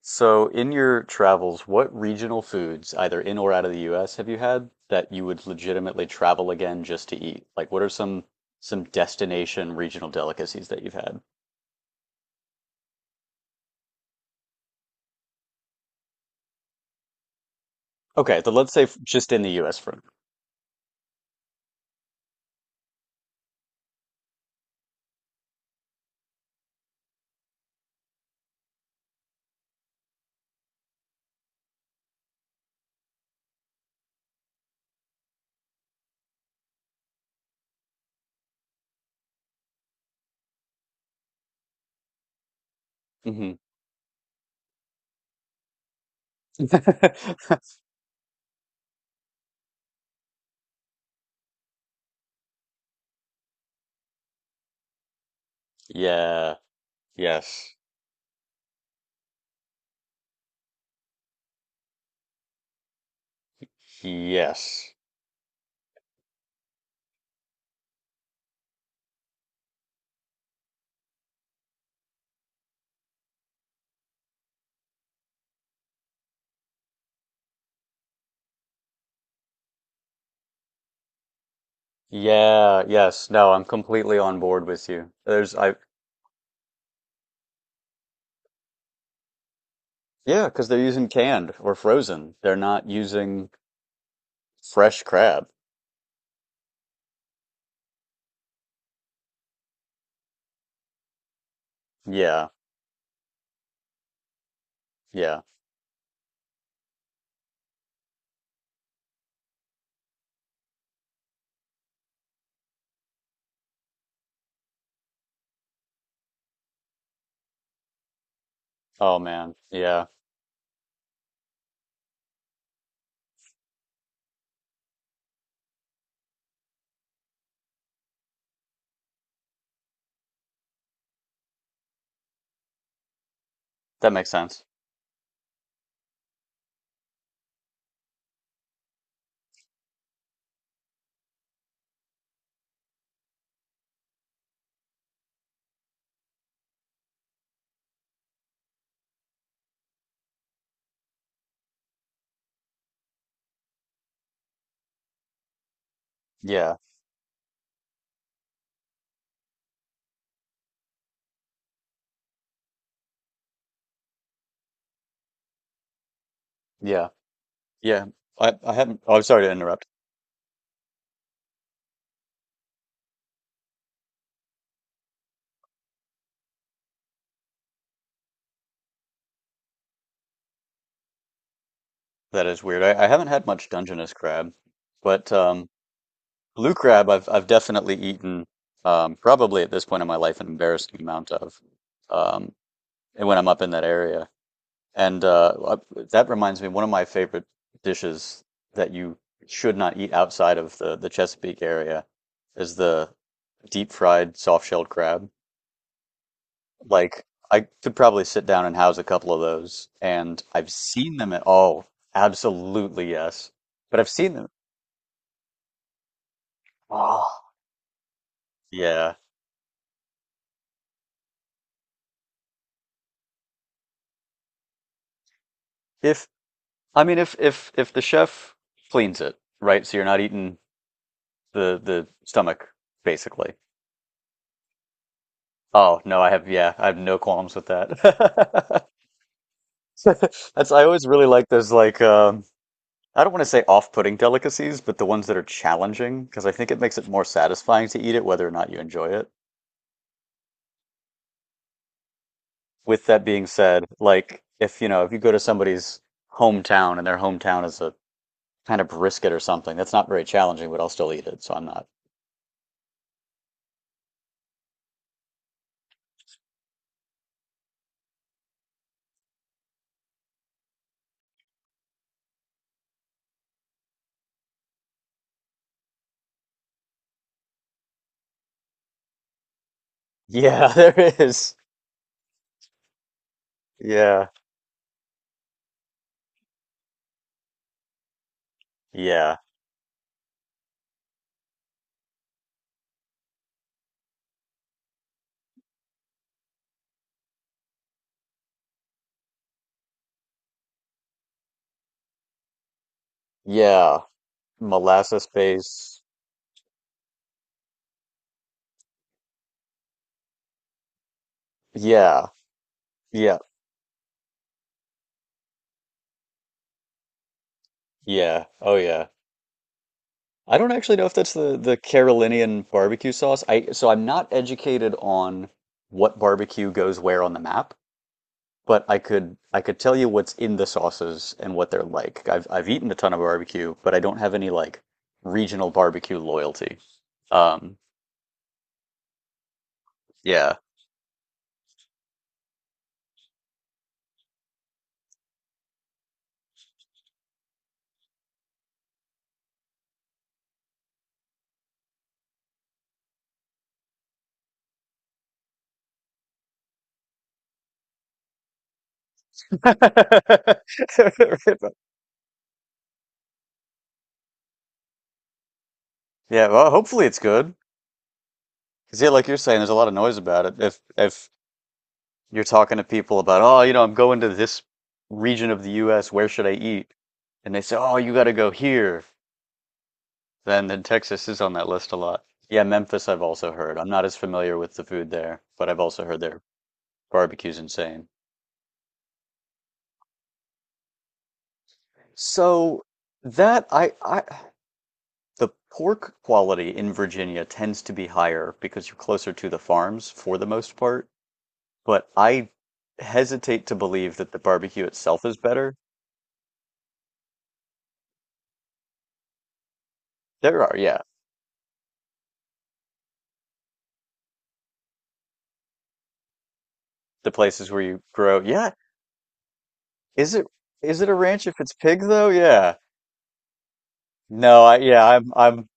So, in your travels, what regional foods, either in or out of the US, have you had that you would legitimately travel again just to eat? Like, what are some destination regional delicacies that you've had? Okay, so let's say just in the US for hmm Yeah, yes. Yes. Yeah, yes. No, I'm completely on board with you. There's I Yeah, because they're using canned or frozen. They're not using fresh crab. Yeah, yeah. Oh man. Yeah. That makes sense. Yeah, yeah, yeah. I haven't. Oh, I'm sorry to interrupt. That is weird. I haven't had much Dungeness crab, but blue crab I've definitely eaten probably at this point in my life an embarrassing amount of um, and when I'm up in that area. And that reminds me, one of my favorite dishes that you should not eat outside of the Chesapeake area is the deep fried soft shelled crab. Like I could probably sit down and house a couple of those, and I've seen them at all. Absolutely yes. But I've seen them. Oh, yeah. If I mean if the chef cleans it, right? So you're not eating the stomach basically. Oh, no, I have, yeah, I have no qualms with that. That's, I always really like those like I don't want to say off-putting delicacies, but the ones that are challenging because I think it makes it more satisfying to eat it whether or not you enjoy it. With that being said, like if you go to somebody's hometown and their hometown is a kind of brisket or something, that's not very challenging, but I'll still eat it, so I'm not. Yeah, there is. Yeah, yeah, yeah. Molasses base. Yeah, yeah, yeah. Oh yeah. I don't actually know if that's the Carolinian barbecue sauce. I So I'm not educated on what barbecue goes where on the map. But I could tell you what's in the sauces and what they're like. I've eaten a ton of barbecue, but I don't have any like regional barbecue loyalty. Um, yeah. Yeah, well, hopefully it's good. 'Cause yeah, like you're saying, there's a lot of noise about it. If you're talking to people about, oh, you know, I'm going to this region of the US, where should I eat? And they say, oh, you got to go here. Then Texas is on that list a lot. Yeah, Memphis, I've also heard. I'm not as familiar with the food there, but I've also heard there. Barbecue's insane. So that I the pork quality in Virginia tends to be higher because you're closer to the farms for the most part, but I hesitate to believe that the barbecue itself is better. There are, yeah, the places where you grow. Yeah, is it is it a ranch if it's pig though? Yeah. No, I yeah, I'm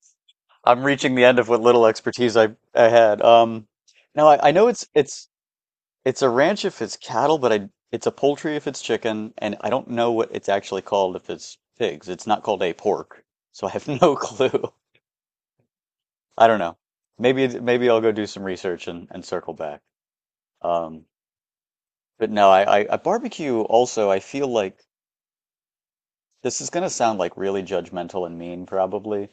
I'm reaching the end of what little expertise I had. No, I know it's it's a ranch if it's cattle, but I it's a poultry if it's chicken, and I don't know what it's actually called if it's pigs. It's not called a pork, so I have no clue. I don't know. Maybe I'll go do some research and circle back. Um, but no, I barbecue also, I feel like this is gonna sound like really judgmental and mean probably,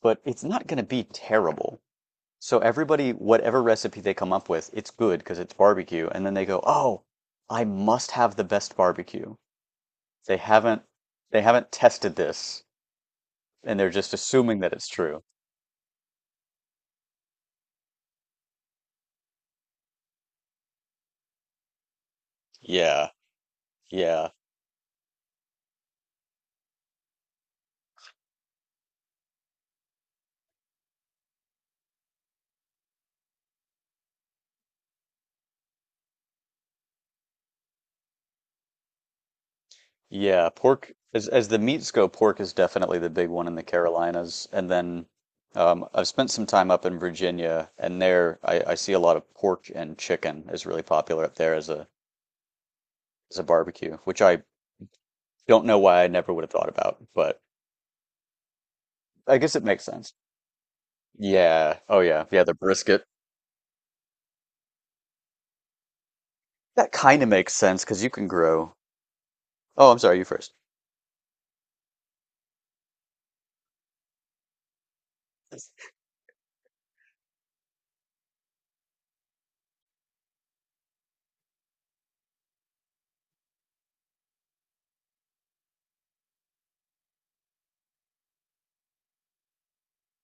but it's not gonna be terrible. So everybody, whatever recipe they come up with, it's good because it's barbecue, and then they go, "Oh, I must have the best barbecue." They haven't they haven't tested this and they're just assuming that it's true. Yeah, yeah, yeah. Pork, as the meats go, pork is definitely the big one in the Carolinas. And then I've spent some time up in Virginia and there I see a lot of pork and chicken is really popular up there as a barbecue, which I don't know why I never would have thought about, but I guess it makes sense. Yeah. Oh yeah. Yeah, the brisket. That kind of makes sense because you can grow. Oh, I'm sorry, you first.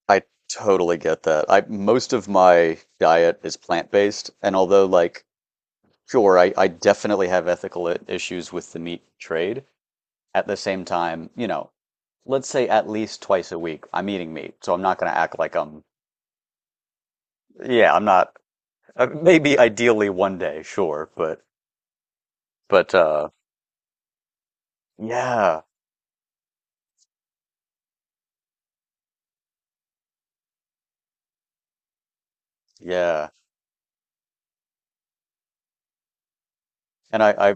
I totally get that. I most of my diet is plant-based, and although like sure, I definitely have ethical issues with the meat trade, at the same time, you know, let's say at least twice a week I'm eating meat, so I'm not going to act like I'm yeah, I'm not maybe ideally one day, sure, but but yeah, yeah. And I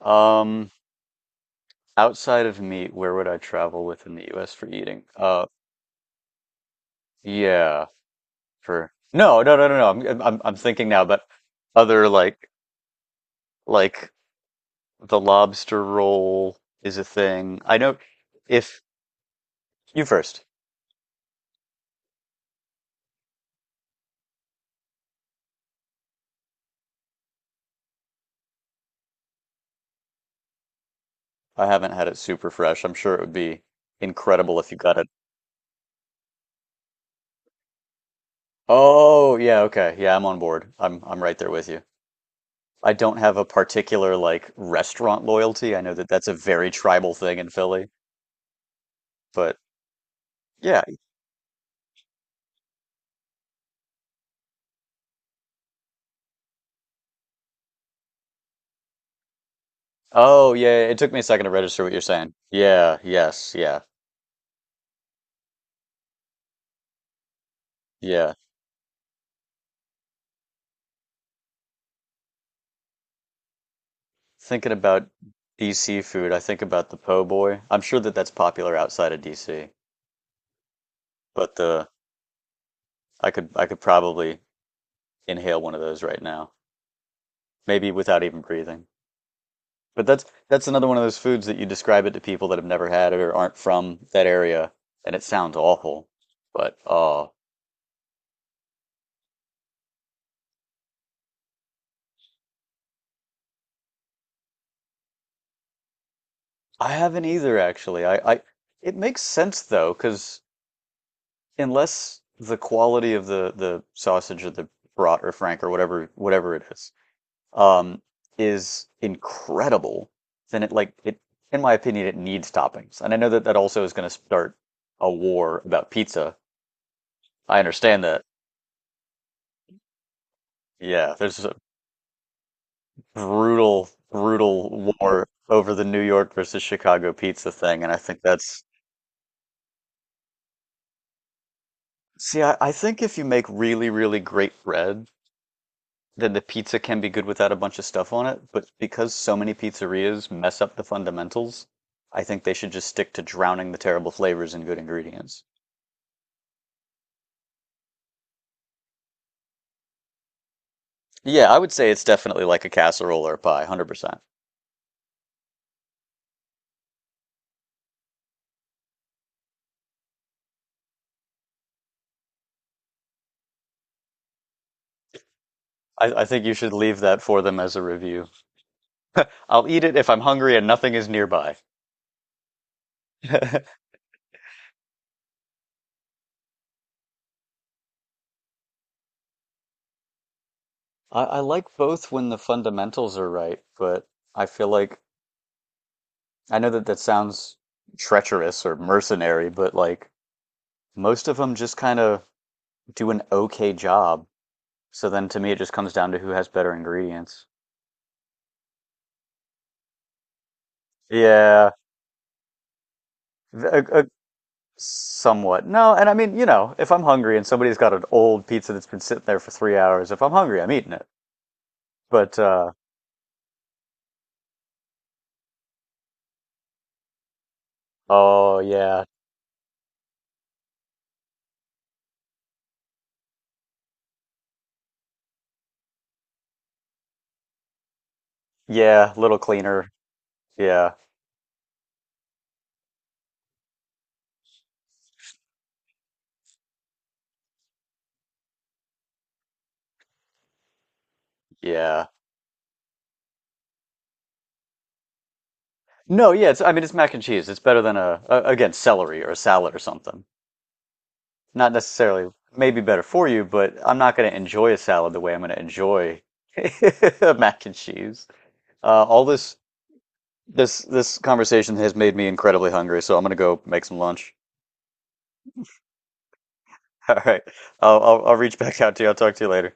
I outside of meat, where would I travel within the US for eating? Yeah. For no, no, no, no, no, I'm I'm thinking now, but other like like the lobster roll is a thing. I know if you first. I haven't had it super fresh. I'm sure it would be incredible if you got it. Oh, yeah, okay. Yeah, I'm on board. I'm right there with you. I don't have a particular like restaurant loyalty. I know that that's a very tribal thing in Philly, but yeah. Oh, yeah, it took me a second to register what you're saying. Yeah, yes, yeah. Yeah. Thinking about DC food, I think about the po' boy. I'm sure that that's popular outside of DC, but the I could probably inhale one of those right now, maybe without even breathing. But that's another one of those foods that you describe it to people that have never had it or aren't from that area, and it sounds awful. But I haven't either actually. I it makes sense though, because unless the quality of the sausage or the brat or frank or whatever it um, is incredible, then in my opinion, it needs toppings. And I know that that also is going to start a war about pizza. I understand that. Yeah, there's a brutal, brutal war over the New York versus Chicago pizza thing, and I think that's. See, I think if you make really, really great bread, then the pizza can be good without a bunch of stuff on it. But because so many pizzerias mess up the fundamentals, I think they should just stick to drowning the terrible flavors in good ingredients. Yeah, I would say it's definitely like a casserole or a pie, 100%. I think you should leave that for them as a review. I'll eat it if I'm hungry and nothing is nearby. I, I like both when the fundamentals are right, but I feel like I know that that sounds treacherous or mercenary, but like most of them just kind of do an okay job. So then to me, it just comes down to who has better ingredients. Yeah, somewhat. No, and I mean, you know, if I'm hungry and somebody's got an old pizza that's been sitting there for 3 hours, if I'm hungry, I'm eating it. But oh yeah, yeah, little cleaner. Yeah, yeah. No, yeah. It's, I mean, it's mac and cheese. It's better than a again celery or a salad or something. Not necessarily maybe better for you, but I'm not going to enjoy a salad the way I'm going to enjoy mac and cheese. All this this conversation has made me incredibly hungry, so I'm going to go make some lunch. All right. I'll I'll reach back out to you. I'll talk to you later.